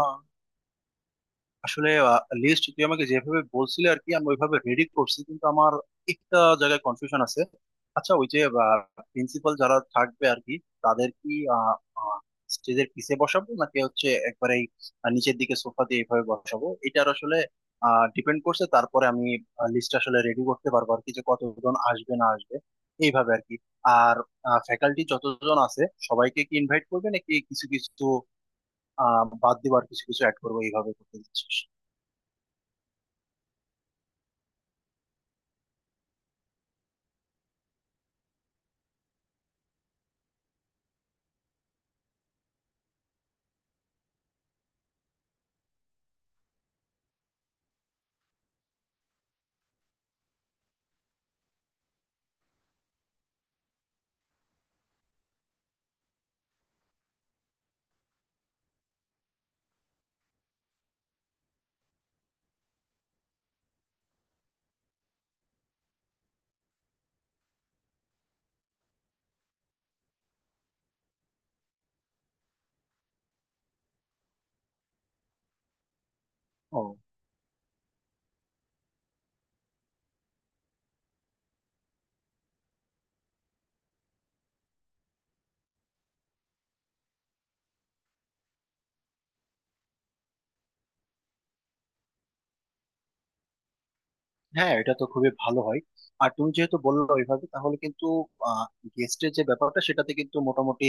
আহ, আসলে লিস্ট তুই আমাকে যেভাবে বলছিলে আর কি আমি ওইভাবে রেডি করছি, কিন্তু আমার একটা জায়গায় কনফিউশন আছে। আচ্ছা, ওই যে প্রিন্সিপাল যারা থাকবে আর কি, তাদের কি স্টেজের পিছে বসাবো নাকি হচ্ছে একবারেই নিচের দিকে সোফা দিয়ে এইভাবে বসাবো? এটার আসলে ডিপেন্ড করছে। তারপরে আমি লিস্ট আসলে রেডি করতে পারবো আর কি, যে কতজন আসবে না আসবে এইভাবে আর কি। আর ফ্যাকাল্টি যতজন আছে সবাইকে কি ইনভাইট করবে, নাকি কিছু কিছু বাদ দিবার, কিছু কিছু অ্যাড করবো এইভাবে করতে দিচ্ছিস? ও, হ্যাঁ এটা তো খুবই ভালো হয়। আর তুমি যেহেতু বললো ওইভাবে, তাহলে কিন্তু গেস্টের যে ব্যাপারটা সেটাতে কিন্তু মোটামুটি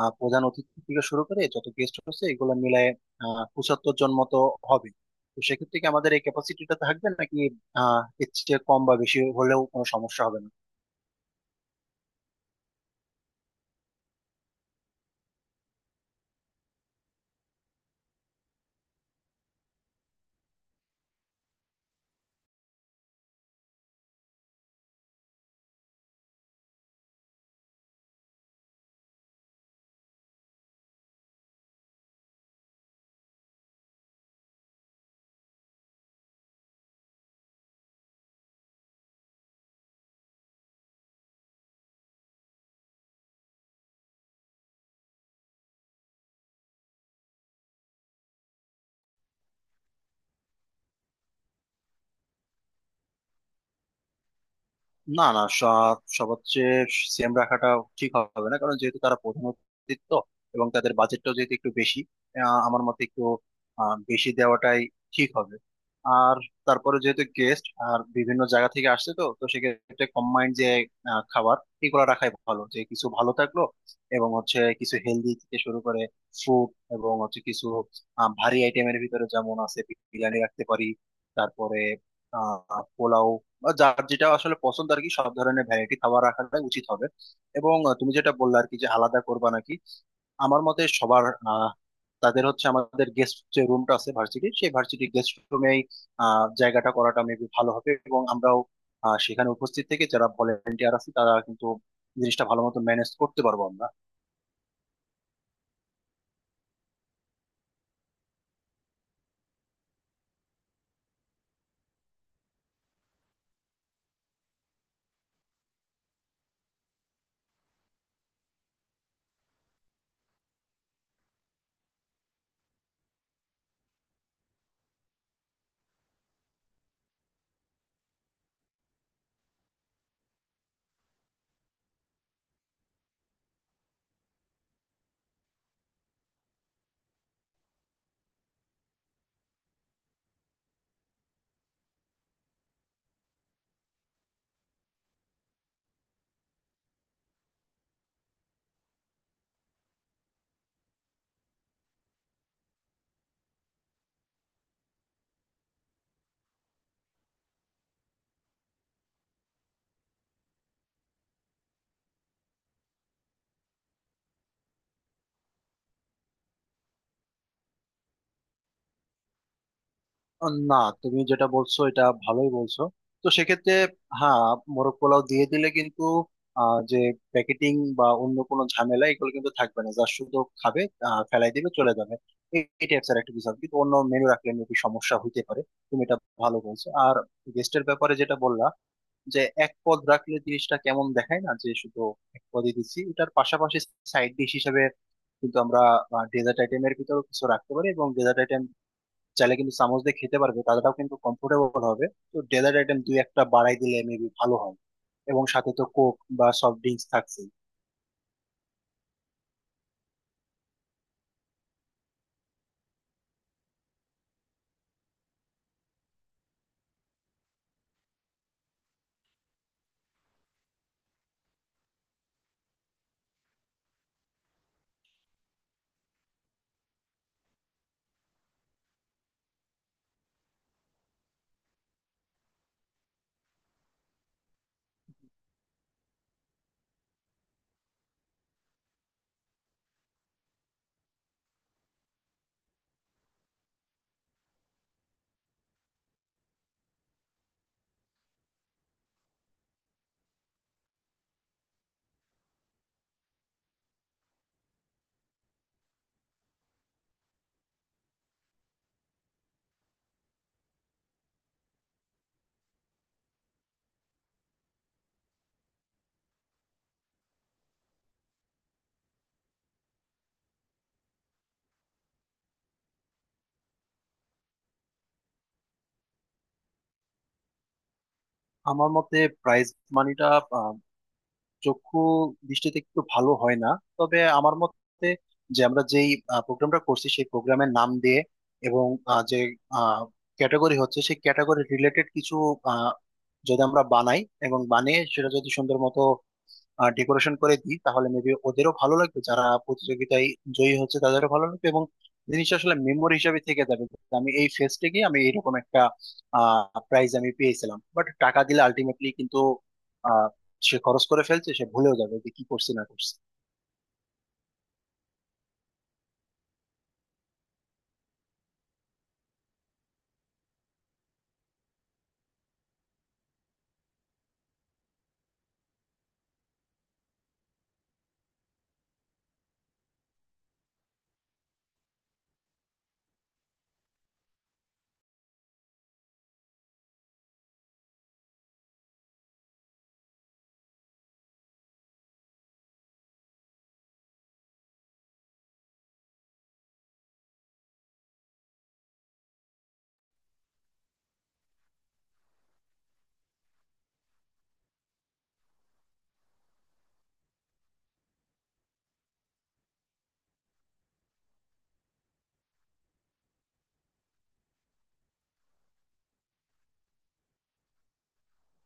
প্রধান অতিথি থেকে শুরু করে যত গেস্ট হচ্ছে, এগুলো মিলায় 75 জন মতো হবে। তো সেক্ষেত্রে কি আমাদের এই ক্যাপাসিটিটা থাকবে, নাকি এর চেয়ে কম বা বেশি হলেও কোনো সমস্যা হবে না? না, না, সবার চেয়ে সেম রাখাটা ঠিক হবে না, কারণ যেহেতু তারা প্রধান অতিথি, তো এবং তাদের বাজেটটাও যেহেতু একটু বেশি, আমার মতে একটু বেশি দেওয়াটাই ঠিক হবে। আর তারপরে যেহেতু গেস্ট আর বিভিন্ন জায়গা থেকে আসছে, তো তো সেক্ষেত্রে কম্বাইন্ড যে খাবার এগুলো রাখাই ভালো, যে কিছু ভালো থাকলো এবং হচ্ছে কিছু হেলদি থেকে শুরু করে ফ্রুট, এবং হচ্ছে কিছু ভারী আইটেমের ভিতরে যেমন আছে বিরিয়ানি রাখতে পারি, তারপরে পোলাও বা যার যেটা আসলে পছন্দ আর কি, সব ধরনের ভ্যারাইটি খাবার রাখাটাই উচিত হবে। এবং তুমি যেটা বললে আর কি, যে আলাদা করবা নাকি, আমার মতে সবার আহ, তাদের হচ্ছে আমাদের গেস্ট যে রুমটা আছে ভার্সিটি, সেই ভার্সিটি গেস্ট রুমেই জায়গাটা করাটা মেবি ভালো হবে, এবং আমরাও সেখানে উপস্থিত থেকে যারা ভলেন্টিয়ার আছে তারা কিন্তু জিনিসটা ভালো মতো ম্যানেজ করতে পারবো আমরা। না, তুমি যেটা বলছো এটা ভালোই বলছো। তো সেক্ষেত্রে হ্যাঁ, মোরগ পোলাও দিয়ে দিলে কিন্তু যে প্যাকেটিং বা অন্য কোনো ঝামেলা এগুলো কিন্তু থাকবে না, যা শুধু খাবে ফেলাই দিবে চলে যাবে, এই টাইপস একটা কিছু হবে। কিন্তু অন্য মেনু রাখলে মেবি সমস্যা হইতে পারে। তুমি এটা ভালো বলছো। আর গেস্টের ব্যাপারে যেটা বললা, যে এক পদ রাখলে জিনিসটা কেমন দেখায় না, যে শুধু এক পদই দিচ্ছি, এটার পাশাপাশি সাইড ডিশ হিসেবে কিন্তু আমরা ডেজার্ট আইটেমের ভিতরে কিছু রাখতে পারি, এবং ডেজার্ট চাইলে কিন্তু চামচ দিয়ে খেতে পারবে, তাদেরটাও কিন্তু কমফোর্টেবল হবে। তো ডেজার্ট আইটেম দুই একটা বাড়াই দিলে মেবি ভালো হয়, এবং সাথে তো কোক বা সফট ড্রিঙ্কস থাকছে। আমার মতে প্রাইস মানিটা আহ, চক্ষু দৃষ্টিতে একটু ভালো হয় না। তবে আমার মতে, যে আমরা যেই প্রোগ্রামটা করছি সেই প্রোগ্রামের নাম দিয়ে, এবং যে ক্যাটাগরি হচ্ছে সেই ক্যাটাগরি রিলেটেড কিছু আহ, যদি আমরা বানাই, এবং বানিয়ে সেটা যদি সুন্দর মতো ডেকোরেশন করে দিই, তাহলে মেবি ওদেরও ভালো লাগবে, যারা প্রতিযোগিতায় জয়ী হচ্ছে তাদেরও ভালো লাগবে, এবং জিনিসটা আসলে মেমোরি হিসাবে থেকে যাবে, যে আমি এই ফেস্টে গিয়ে আমি এরকম একটা প্রাইজ আমি পেয়েছিলাম। বাট টাকা দিলে আলটিমেটলি কিন্তু আহ সে খরচ করে ফেলছে, সে ভুলেও যাবে যে কি করছি না করছি।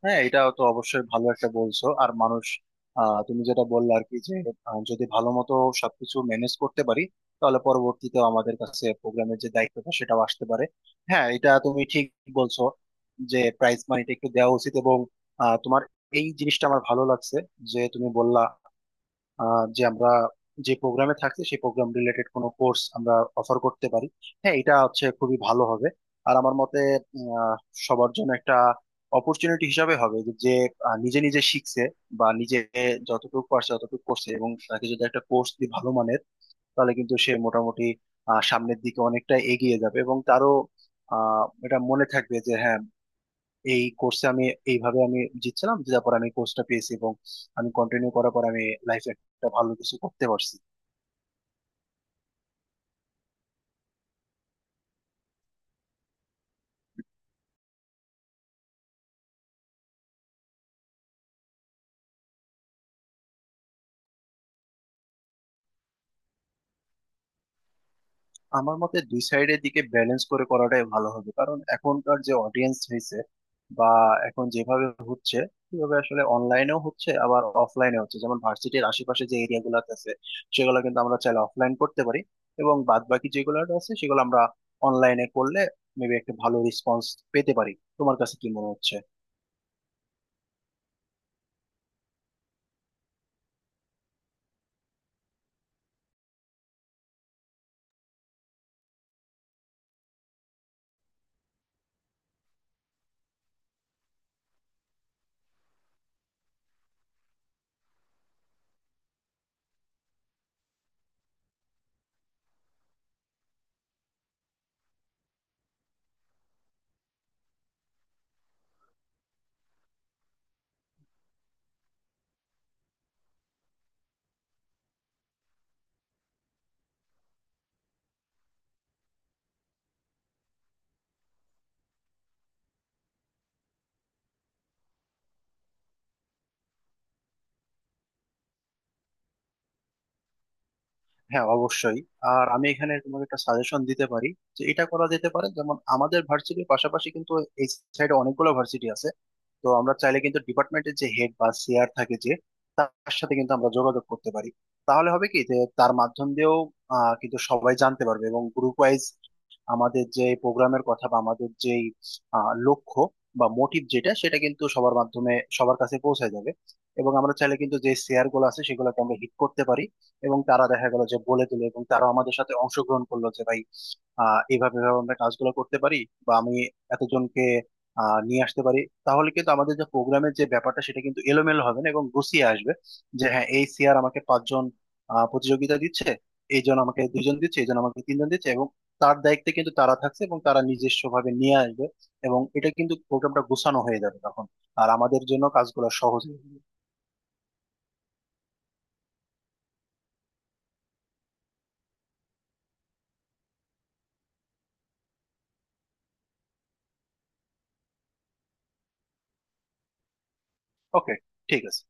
হ্যাঁ, এটা তো অবশ্যই ভালো একটা বলছো। আর মানুষ তুমি যেটা বললে আর কি, যে যদি ভালো মতো সবকিছু ম্যানেজ করতে পারি, তাহলে পরবর্তীতে আমাদের কাছে প্রোগ্রামের যে দায়িত্বটা সেটাও আসতে পারে। হ্যাঁ, এটা তুমি ঠিক বলছো, যে প্রাইজ মানিটা একটু দেওয়া উচিত। এবং তোমার এই জিনিসটা আমার ভালো লাগছে, যে তুমি বললা যে আমরা যে প্রোগ্রামে থাকছি সেই প্রোগ্রাম রিলেটেড কোনো কোর্স আমরা অফার করতে পারি। হ্যাঁ, এটা হচ্ছে খুবই ভালো হবে। আর আমার মতে উম, আহ, সবার জন্য একটা অপরচুনিটি হিসাবে হবে যে, নিজে নিজে শিখছে বা নিজে যতটুকু পারছে ততটুকু করছে, এবং তাকে যদি একটা কোর্স দিই ভালো মানের, তাহলে কিন্তু সে মোটামুটি সামনের দিকে অনেকটা এগিয়ে যাবে, এবং তারও এটা মনে থাকবে যে হ্যাঁ, এই কোর্সে আমি এইভাবে আমি জিতছিলাম, জেতার পর আমি কোর্সটা পেয়েছি, এবং আমি কন্টিনিউ করার পর আমি লাইফে একটা ভালো কিছু করতে পারছি। আমার মতে দুই সাইডের দিকে ব্যালেন্স করে করাটাই ভালো হবে, কারণ এখনকার যে অডিয়েন্স হয়েছে বা এখন যেভাবে হচ্ছে, সেভাবে আসলে অনলাইনেও হচ্ছে আবার অফলাইনে হচ্ছে। যেমন ভার্সিটির আশেপাশে যে এরিয়া গুলো আছে সেগুলো কিন্তু আমরা চাইলে অফলাইন করতে পারি, এবং বাদ বাকি যেগুলো আছে সেগুলো আমরা অনলাইনে করলে মেবি একটা ভালো রেসপন্স পেতে পারি। তোমার কাছে কি মনে হচ্ছে? হ্যাঁ, অবশ্যই। আর আমি এখানে তোমাকে একটা সাজেশন দিতে পারি, যে এটা করা যেতে পারে। যেমন আমাদের ভার্সিটির পাশাপাশি কিন্তু এই সাইডে অনেকগুলো ভার্সিটি আছে, তো আমরা চাইলে কিন্তু ডিপার্টমেন্টের যে হেড বা সিআর থাকে, যে তার সাথে কিন্তু আমরা যোগাযোগ করতে পারি। তাহলে হবে কি, যে তার মাধ্যম দিয়েও কিন্তু সবাই জানতে পারবে, এবং গ্রুপ ওয়াইজ আমাদের যে প্রোগ্রামের কথা বা আমাদের যে লক্ষ্য বা মোটিভ যেটা, সেটা কিন্তু সবার মাধ্যমে সবার কাছে পৌঁছে যাবে। এবং আমরা চাইলে কিন্তু যে শেয়ার গুলো আছে সেগুলোকে আমরা হিট করতে পারি, এবং তারা দেখা গেল যে বলে দিল এবং তারা আমাদের সাথে অংশগ্রহণ করলো, যে ভাই আহ এইভাবে এভাবে আমরা কাজগুলো করতে পারি, বা আমি এতজনকে নিয়ে আসতে পারি। তাহলে কিন্তু আমাদের যে প্রোগ্রামের যে ব্যাপারটা সেটা কিন্তু এলোমেলো হবে না এবং গুছিয়ে আসবে, যে হ্যাঁ, এই সিআর আমাকে 5 জন প্রতিযোগিতা দিচ্ছে, এইজন আমাকে 2 জন দিচ্ছে, এইজন আমাকে 3 জন দিচ্ছে, এবং তার দায়িত্বে কিন্তু তারা থাকছে এবং তারা নিজস্ব ভাবে নিয়ে আসবে, এবং এটা কিন্তু প্রোগ্রামটা গোছানো হয়ে যাবে তখন। আর আমাদের জন্য কাজগুলো সহজ হবে। ওকে, ঠিক আছে।